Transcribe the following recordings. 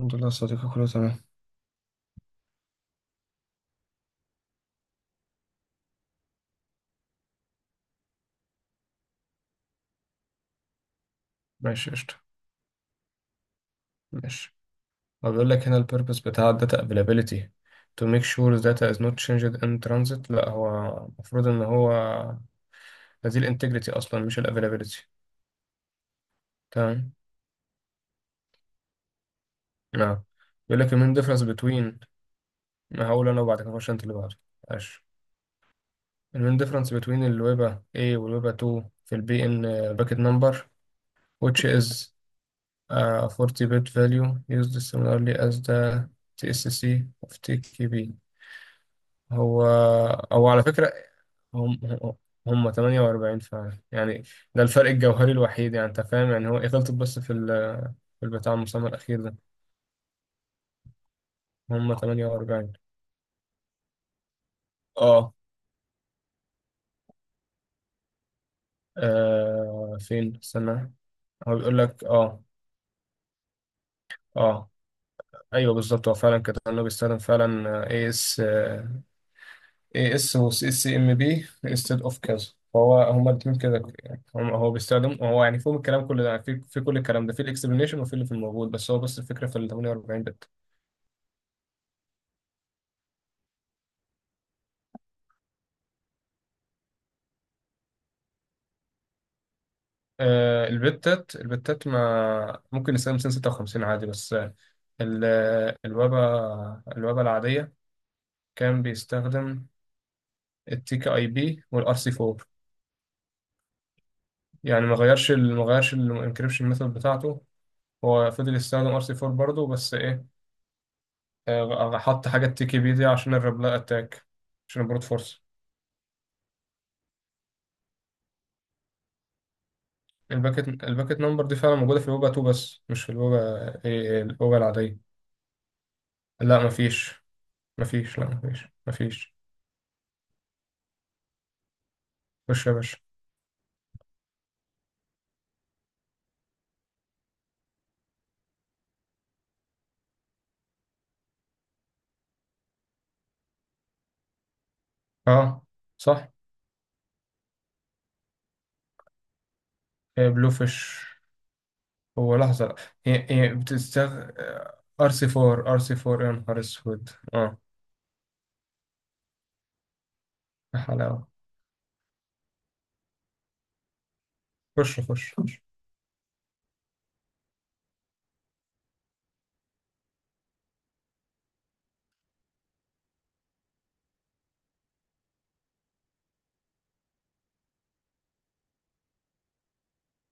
انت الله صديقي، كله تمام. ماشي قشت. ماشي، اقول لك هنا الـ purpose بتاع الـ data availability to make sure the data is not changed in transit. لا، هو مفروض انه هو هذه الـ integrity اصلا، مش الـ availability. تمام. نعم. اقول لك المين difference between، اقول لنا وبعدك اقول لك انت اللي بعد. عشو. المين difference between الـ webA A والـ webA 2 في الـ b in bucket number which is a 40 bit value used similarly as the TSC of TKB. هو هو على فكرة هم هم 48 فعلا يعني. ده الفرق الجوهري الوحيد، يعني انت فاهم يعني. هو إيه؟ غلطت بس في ال في البتاع المسمى الأخير ده. هم 48. اه فين؟ استنى. هو بيقول لك اه ايوه، بالظبط هو فعلا كده، لانه بيستخدم فعلا إيه اس اي اس و سي اس ام بي انستد اوف كذا. فهو هما الاثنين كده يعني، هو بيستخدم هو يعني فيهم الكلام كله ده، في كل الكلام ده في الاكسبلانيشن وفي اللي في الموجود، بس هو بس الفكره في ال 48 بت. آه، البتات ما ممكن نستخدم 256 عادي بس. ال- الويبة الويبة العادية كان بيستخدم التيك اي بي والار سي 4. يعني ما غيرش الانكريبشن ميثود بتاعته. هو فضل يستخدم ار سي 4 برضه، بس ايه، آه، حط حاجة تيكي بي دي عشان الريبلاي أتاك، عشان البروت فورس. الباكت نمبر دي فعلا موجودة في الوجا 2، بس مش في الوجا إيه، الوجا العادية. لا، مفيش. مفيش، لا، مفيش، مفيش. خش يا باشا. اه، صح. آه، بلو فيش. هو لحظة، لا. هي هي بتستغ ار سي 4، ار سي 4، يا نهار اسود، اه. يا حلاوة. خش، خش، خش.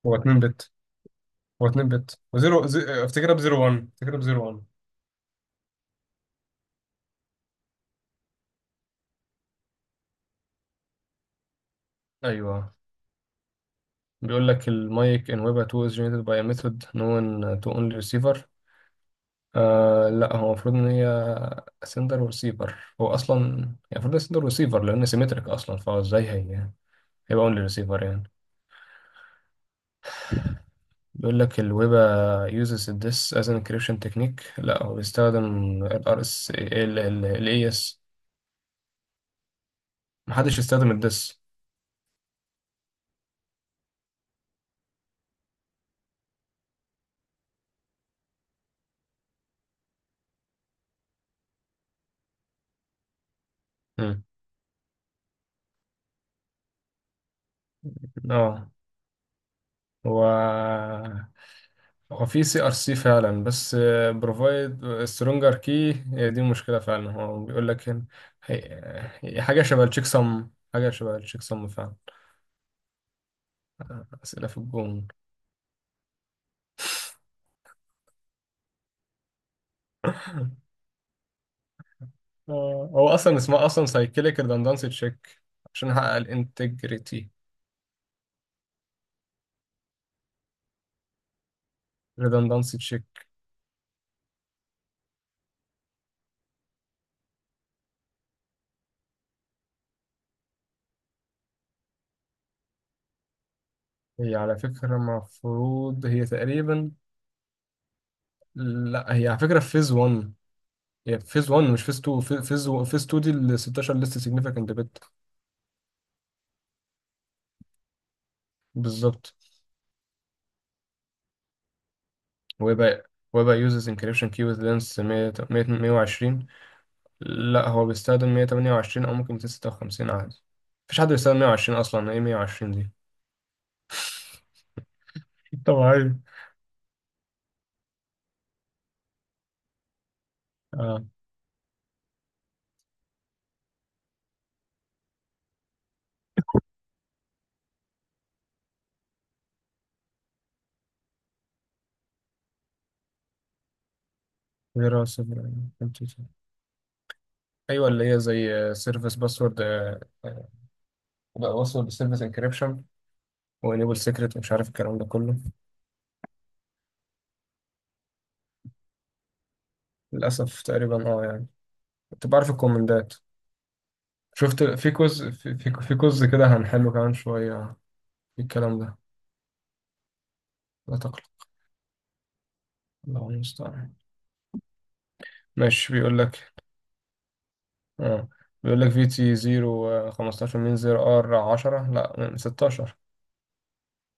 هو 2 بت. هو 2 بت وزيرو زي، افتكرها ب 01، افتكرها ب 01. ايوه. بيقول لك المايك ان ويب 2 is generated by a method known to only receiver. آه، لا، هو المفروض ان هي sender وريسيفر. هو اصلا، يعني المفروض sender وريسيفر لان سيمتريك اصلا، فهو ازاي هي هيبقى only receiver يعني؟ بيقول لك الويب uses this as an encryption technique. لا، هو بيستخدم ال RS ال ال ال AES. محدش يستخدم الدس. مم. اه. هو هو في سي ار سي فعلا، بس بروفايد سترونجر كي، هي دي المشكله فعلا. هو بيقول لك هنا، هي حاجه شبه التشيك سم، حاجه شبه التشيك سم فعلا. اسئله في الجون. آه، هو اصلا اسمها اصلا سايكليك ريدندنسي تشيك عشان احقق الانتجريتي. ريدندنسي تشيك. هي على فكره المفروض هي تقريبا، لا، هي على فكره في فيز 1. هي في فيز 1، مش فيز 2. فيز 2 دي ال 16 ليست سيجنفيكانت بت. بالظبط. ويبقى ويبقى uses encryption key with length 100 120. لا، هو بيستخدم 128 او ممكن 256 عادي. مفيش حد بيستخدم 120 اصلا، ايه 120 دي؟ طبيعي. اه. دراسة. ايوه، اللي هي زي سيرفيس باسورد، بقى باسورد سيرفيس انكريبشن، وانيبل سيكريت، ومش عارف الكلام ده كله. للاسف تقريبا اه يعني، انت بعرف الكومندات. شفت، في كوز، في كوز كده هنحله كمان شويه، في الكلام ده. لا تقلق. الله المستعان. ماشي. بيقول لك اه، بيقول لك في تي 0 15، من 0 ار 10، لا، من 16.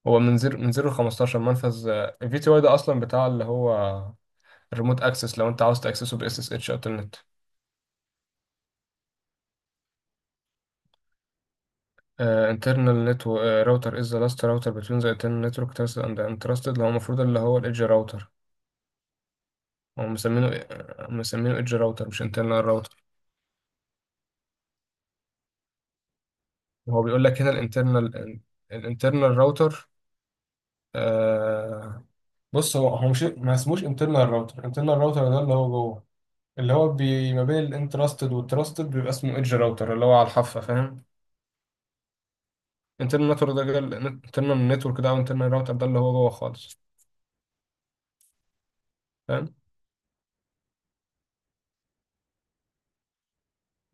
هو من 0، ل 15 منفذ. الفي تي واي ده اصلا بتاع اللي هو الريموت اكسس، لو انت عاوز تاكسسه باس اس اتش الترنت. انترنال نت. راوتر از ذا لاست راوتر بتوين ذا انترنال نتورك ترست اند انترستد، اللي هو المفروض اللي هو الايدج راوتر. هو مسمينه، آه، مسمينه ايدج راوتر مش انترنال راوتر. هو بيقول لك هنا الانترنال، الانترنال راوتر. بص، هو مش، ما اسموش انترنال راوتر. انترنال راوتر ده اللي هو جوه، اللي هو بي ما بين الانترستد والتراستد، بيبقى اسمه ايدج راوتر اللي هو على الحافه، فاهم. انترنال نتورك ده، انترنال نتورك ده، او انترنال راوتر ده، اللي هو جوه خالص، فاهم.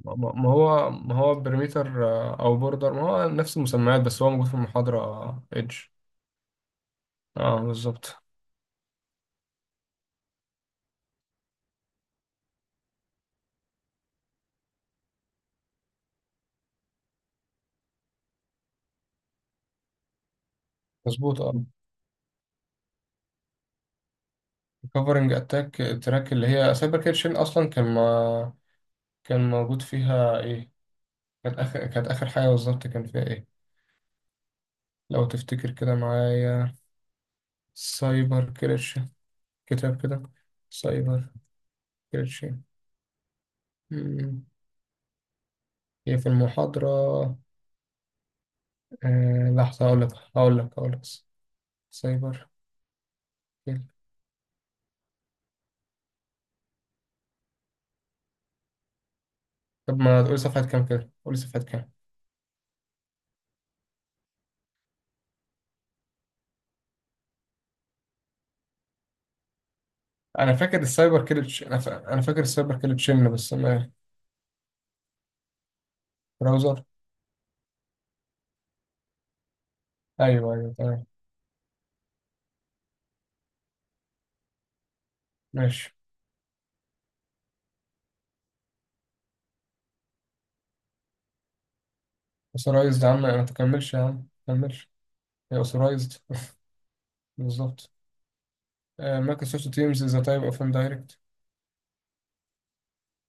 ما هو، ما هو بريميتر او بوردر، ما هو نفس المسميات، بس هو موجود في المحاضره ايدج. اه بالظبط. مظبوط اه. كفرنج اتاك تراك اللي هي سايبر كيتشن اصلا، كان ما كان موجود فيها ايه؟ كانت اخر حاجه بالظبط، كان فيها ايه؟ لو تفتكر كده معايا. سايبر كريتش. كتاب كده. سايبر كريتش. مم. هي في المحاضرة. آه، لحظة، هقول لك. هقول لك. سايبر كريتش. طب ما تقولي صفحة كام كده، قولي صفحة كام. أنا فاكر السايبر كريتش، أنا فاكر السايبر كريتشن بس أنا. براوزر. أيوه، أيوه، تمام. ماشي. أوثرايزد يا عم، ما تكملش يا عم، ما تكملش. هي أوثرايزد. بالظبط. مايكروسوفت تيمز إز تايب أوف إندايركت.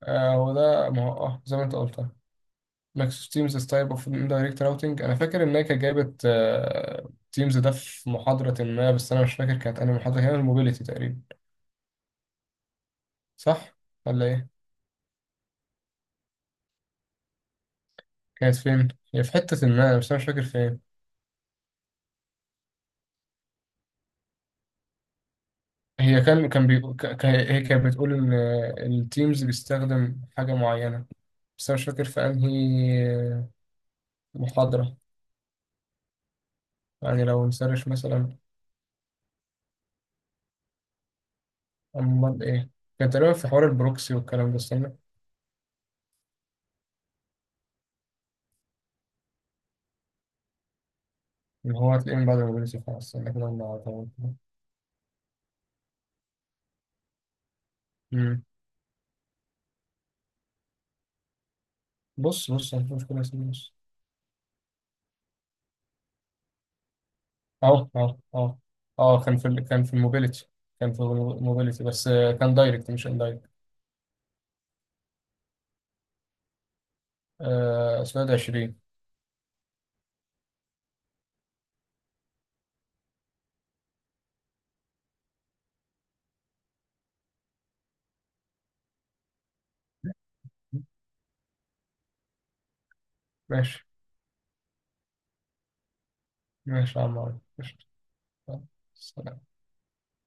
آه، هو ده، ما هو اه زي ما انت قلت، ماكس تيمز تايب اوف اندايركت راوتنج. انا فاكر ان هي كانت جايبه تيمز ده في محاضره ما، بس انا مش فاكر كانت انهي محاضره. كانت الموبيليتي تقريبا، صح ولا ايه؟ كانت فين؟ هي في حته ما، بس انا مش فاكر فين. هي كان كان بي... ك- ك- هي كانت بتقول ان التيمز بيستخدم حاجه معينه، بس انا مش فاكر في انهي، آه، محاضره. يعني لو نسرش مثلا. امال ايه؟ كان تقريبا في حوار البروكسي والكلام ده. استنى، اللي هو هتلاقيه من بعد الموبيليتي. خلاص، استنى كده. ما بص أنا، مش كل اسمه بص. أهو، أهو، أهو. أه كان في ال- كان في الموبيليتي. كان في الموبيليتي، بس آه، كان دايركت مش اندايركت. آه، سؤال 20. ماشي. ماشي يا عم عمرو. قشطة. سلام.